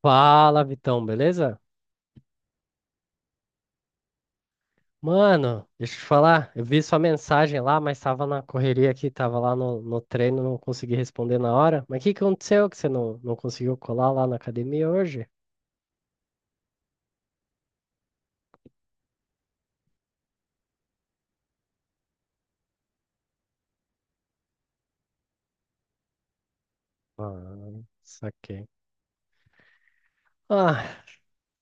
Fala, Vitão, beleza? Mano, deixa eu te falar, eu vi sua mensagem lá, mas tava na correria aqui, tava lá no treino, não consegui responder na hora. Mas o que que aconteceu que você não conseguiu colar lá na academia hoje? Ah, saquei. Ah,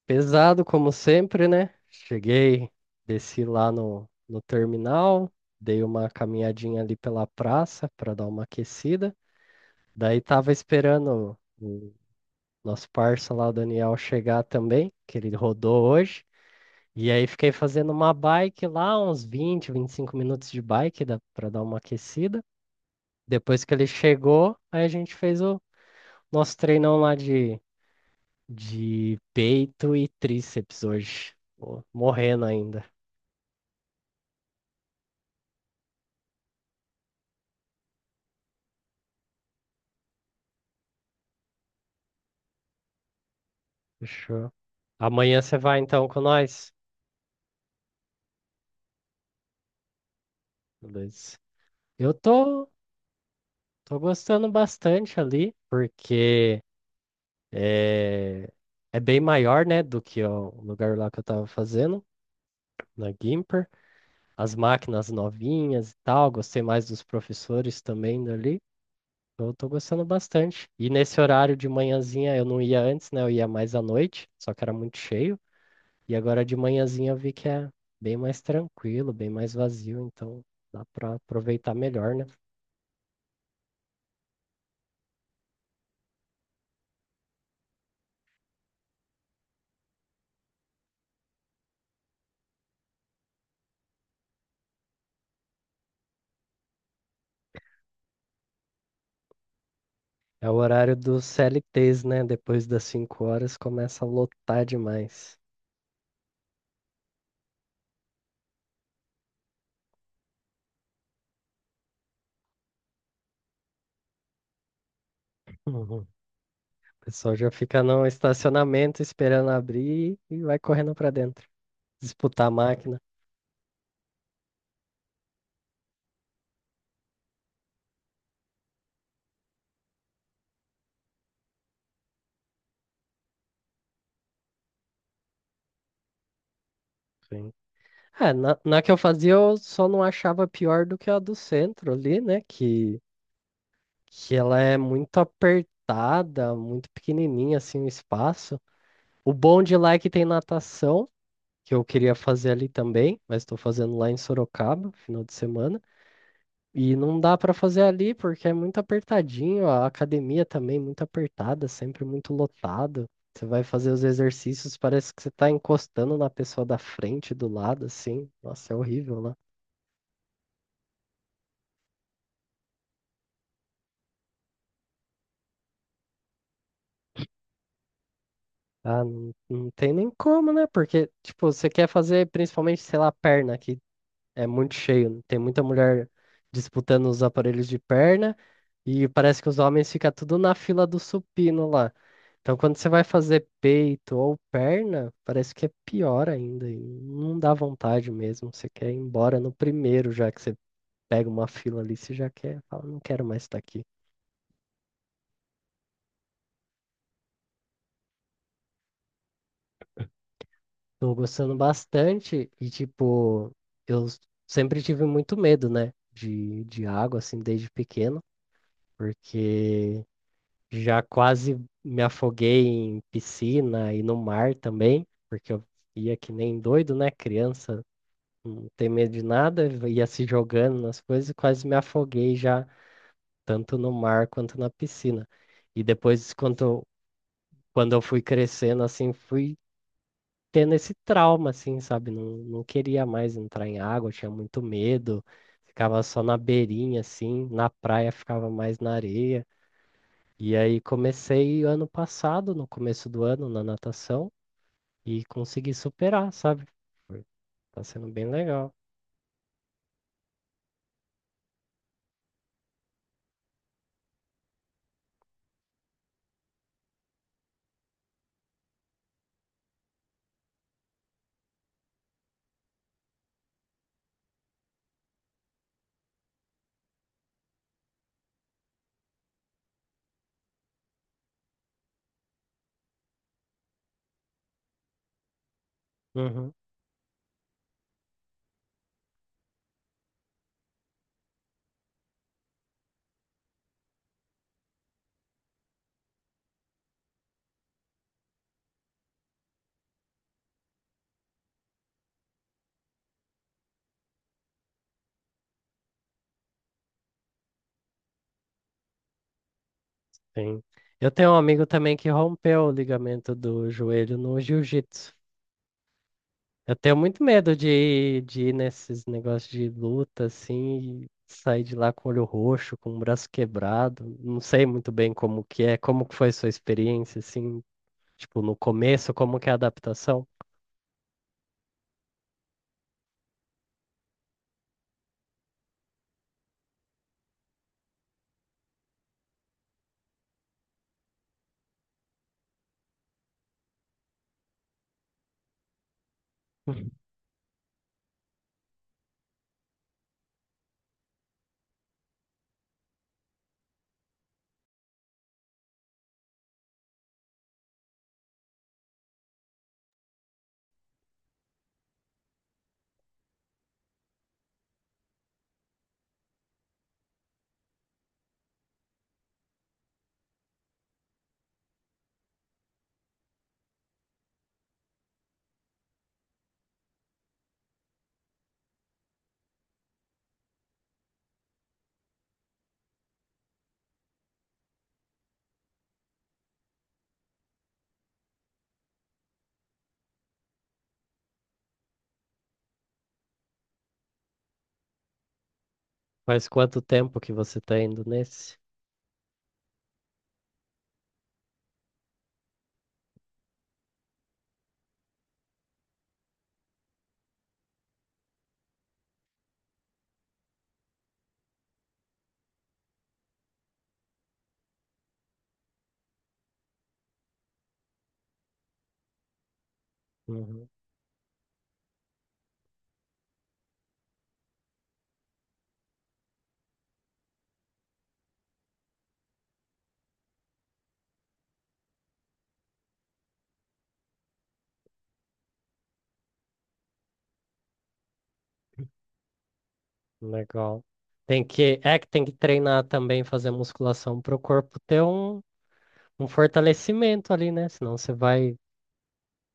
pesado como sempre, né? Cheguei, desci lá no terminal, dei uma caminhadinha ali pela praça para dar uma aquecida. Daí tava esperando o nosso parça lá, o Daniel, chegar também, que ele rodou hoje. E aí fiquei fazendo uma bike lá, uns 20 25 minutos de bike dá para dar uma aquecida. Depois que ele chegou, aí a gente fez o nosso treinão lá de peito e tríceps hoje. Pô, morrendo ainda. Fechou. Amanhã você vai então com nós? Beleza. Eu tô gostando bastante ali, porque. É, é bem maior, né, do que o lugar lá que eu estava fazendo, na Gimper. As máquinas novinhas e tal, gostei mais dos professores também dali. Então, eu tô gostando bastante. E nesse horário de manhãzinha eu não ia antes, né? Eu ia mais à noite, só que era muito cheio. E agora de manhãzinha eu vi que é bem mais tranquilo, bem mais vazio, então dá para aproveitar melhor, né? É o horário dos CLTs, né? Depois das 5 horas começa a lotar demais. O pessoal já fica no estacionamento esperando abrir e vai correndo pra dentro, disputar a máquina. Sim. É, na que eu fazia, eu só não achava pior do que a do centro ali, né? Que ela é muito apertada, muito pequenininha, assim, o espaço. O bom de lá é que tem natação, que eu queria fazer ali também, mas estou fazendo lá em Sorocaba, final de semana. E não dá para fazer ali porque é muito apertadinho, a academia também é muito apertada, sempre muito lotado. Você vai fazer os exercícios, parece que você tá encostando na pessoa da frente, do lado, assim. Nossa, é horrível lá. Ah, não tem nem como, né? Porque, tipo, você quer fazer principalmente, sei lá, perna, que é muito cheio. Né? Tem muita mulher disputando os aparelhos de perna e parece que os homens ficam tudo na fila do supino lá. Então, quando você vai fazer peito ou perna, parece que é pior ainda. E não dá vontade mesmo. Você quer ir embora no primeiro, já que você pega uma fila ali, você já quer, fala, não quero mais estar aqui. Tô gostando bastante e, tipo, eu s- sempre tive muito medo, né, de água, assim, desde pequeno, porque já quase me afoguei em piscina e no mar também, porque eu ia que nem doido, né, criança não tem medo de nada, ia se jogando nas coisas e quase me afoguei já, tanto no mar quanto na piscina. E depois, quando, quando eu fui crescendo, assim, fui tendo esse trauma, assim, sabe? Não queria mais entrar em água, tinha muito medo, ficava só na beirinha, assim, na praia ficava mais na areia. E aí comecei ano passado, no começo do ano, na natação, e consegui superar, sabe? Foi- Tá sendo bem legal. Uhum. Sim. Eu tenho um amigo também que rompeu o ligamento do joelho no jiu-jitsu. Eu tenho muito medo de, de ir nesses negócios de luta, assim, e sair de lá com o olho roxo, com o braço quebrado. Não sei muito bem como que é, como que foi sua experiência, assim, tipo, no começo, como que é a adaptação? Uhum. Faz quanto tempo que você tá indo nesse? Uhum. Legal. Tem que, é que tem que treinar também, fazer musculação para o corpo ter um fortalecimento ali, né? Senão você vai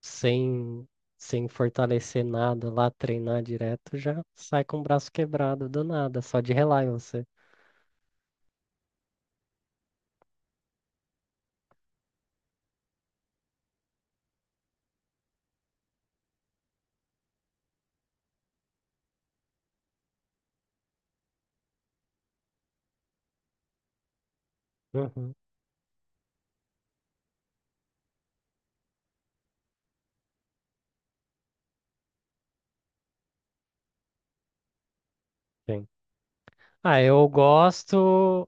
sem, sem fortalecer nada lá, treinar direto, já sai com o braço quebrado do nada, só de relar em você. Uhum, sim. Ah,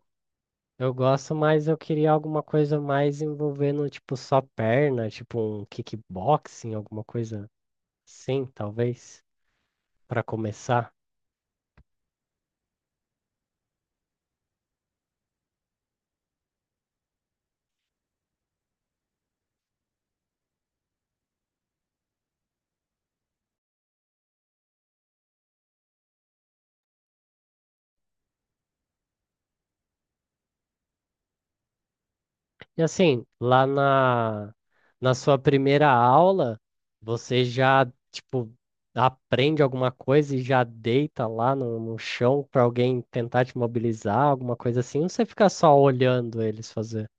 eu gosto, mas eu queria alguma coisa mais envolvendo, tipo, só perna, tipo um kickboxing, alguma coisa assim, talvez, pra começar. E assim, lá na sua primeira aula, você já, tipo, aprende alguma coisa e já deita lá no chão para alguém tentar te mobilizar, alguma coisa assim, ou você fica só olhando eles fazer?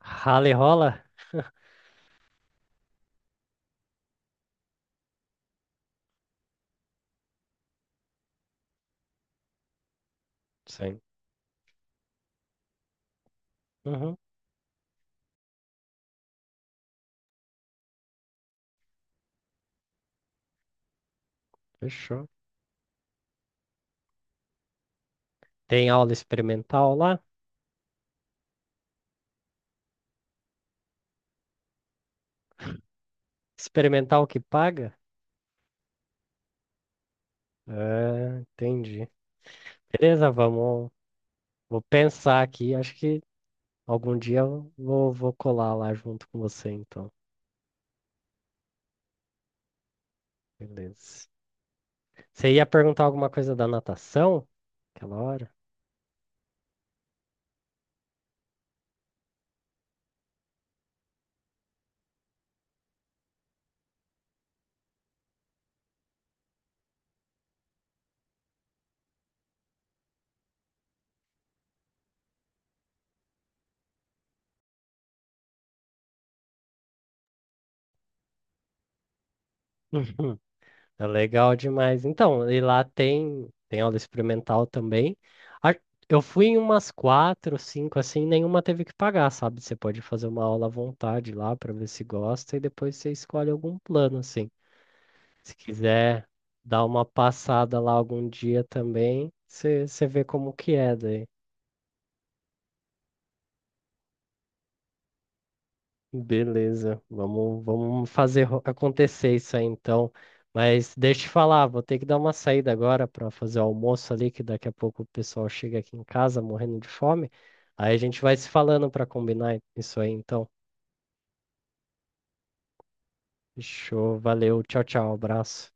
Rala e rola? Sim. Uhum, fechou. Tem aula experimental lá? Experimental que paga? É, entendi. Beleza, vamos. Vou pensar aqui. Acho que algum dia eu vou colar lá junto com você, então. Beleza. Você ia perguntar alguma coisa da natação? Aquela hora. É legal demais. Então, e lá tem aula experimental também. A- Eu fui em umas quatro, cinco, assim, nenhuma teve que pagar, sabe? Você pode fazer uma aula à vontade lá para ver se gosta e depois você escolhe algum plano, assim. Se quiser dar uma passada lá algum dia também, você vê como que é daí. Beleza, vamos, fazer acontecer isso aí então. Mas deixa eu te falar, vou ter que dar uma saída agora para fazer o almoço ali, que daqui a pouco o pessoal chega aqui em casa morrendo de fome. Aí a gente vai se falando para combinar isso aí então. Fechou, valeu, tchau, tchau, abraço.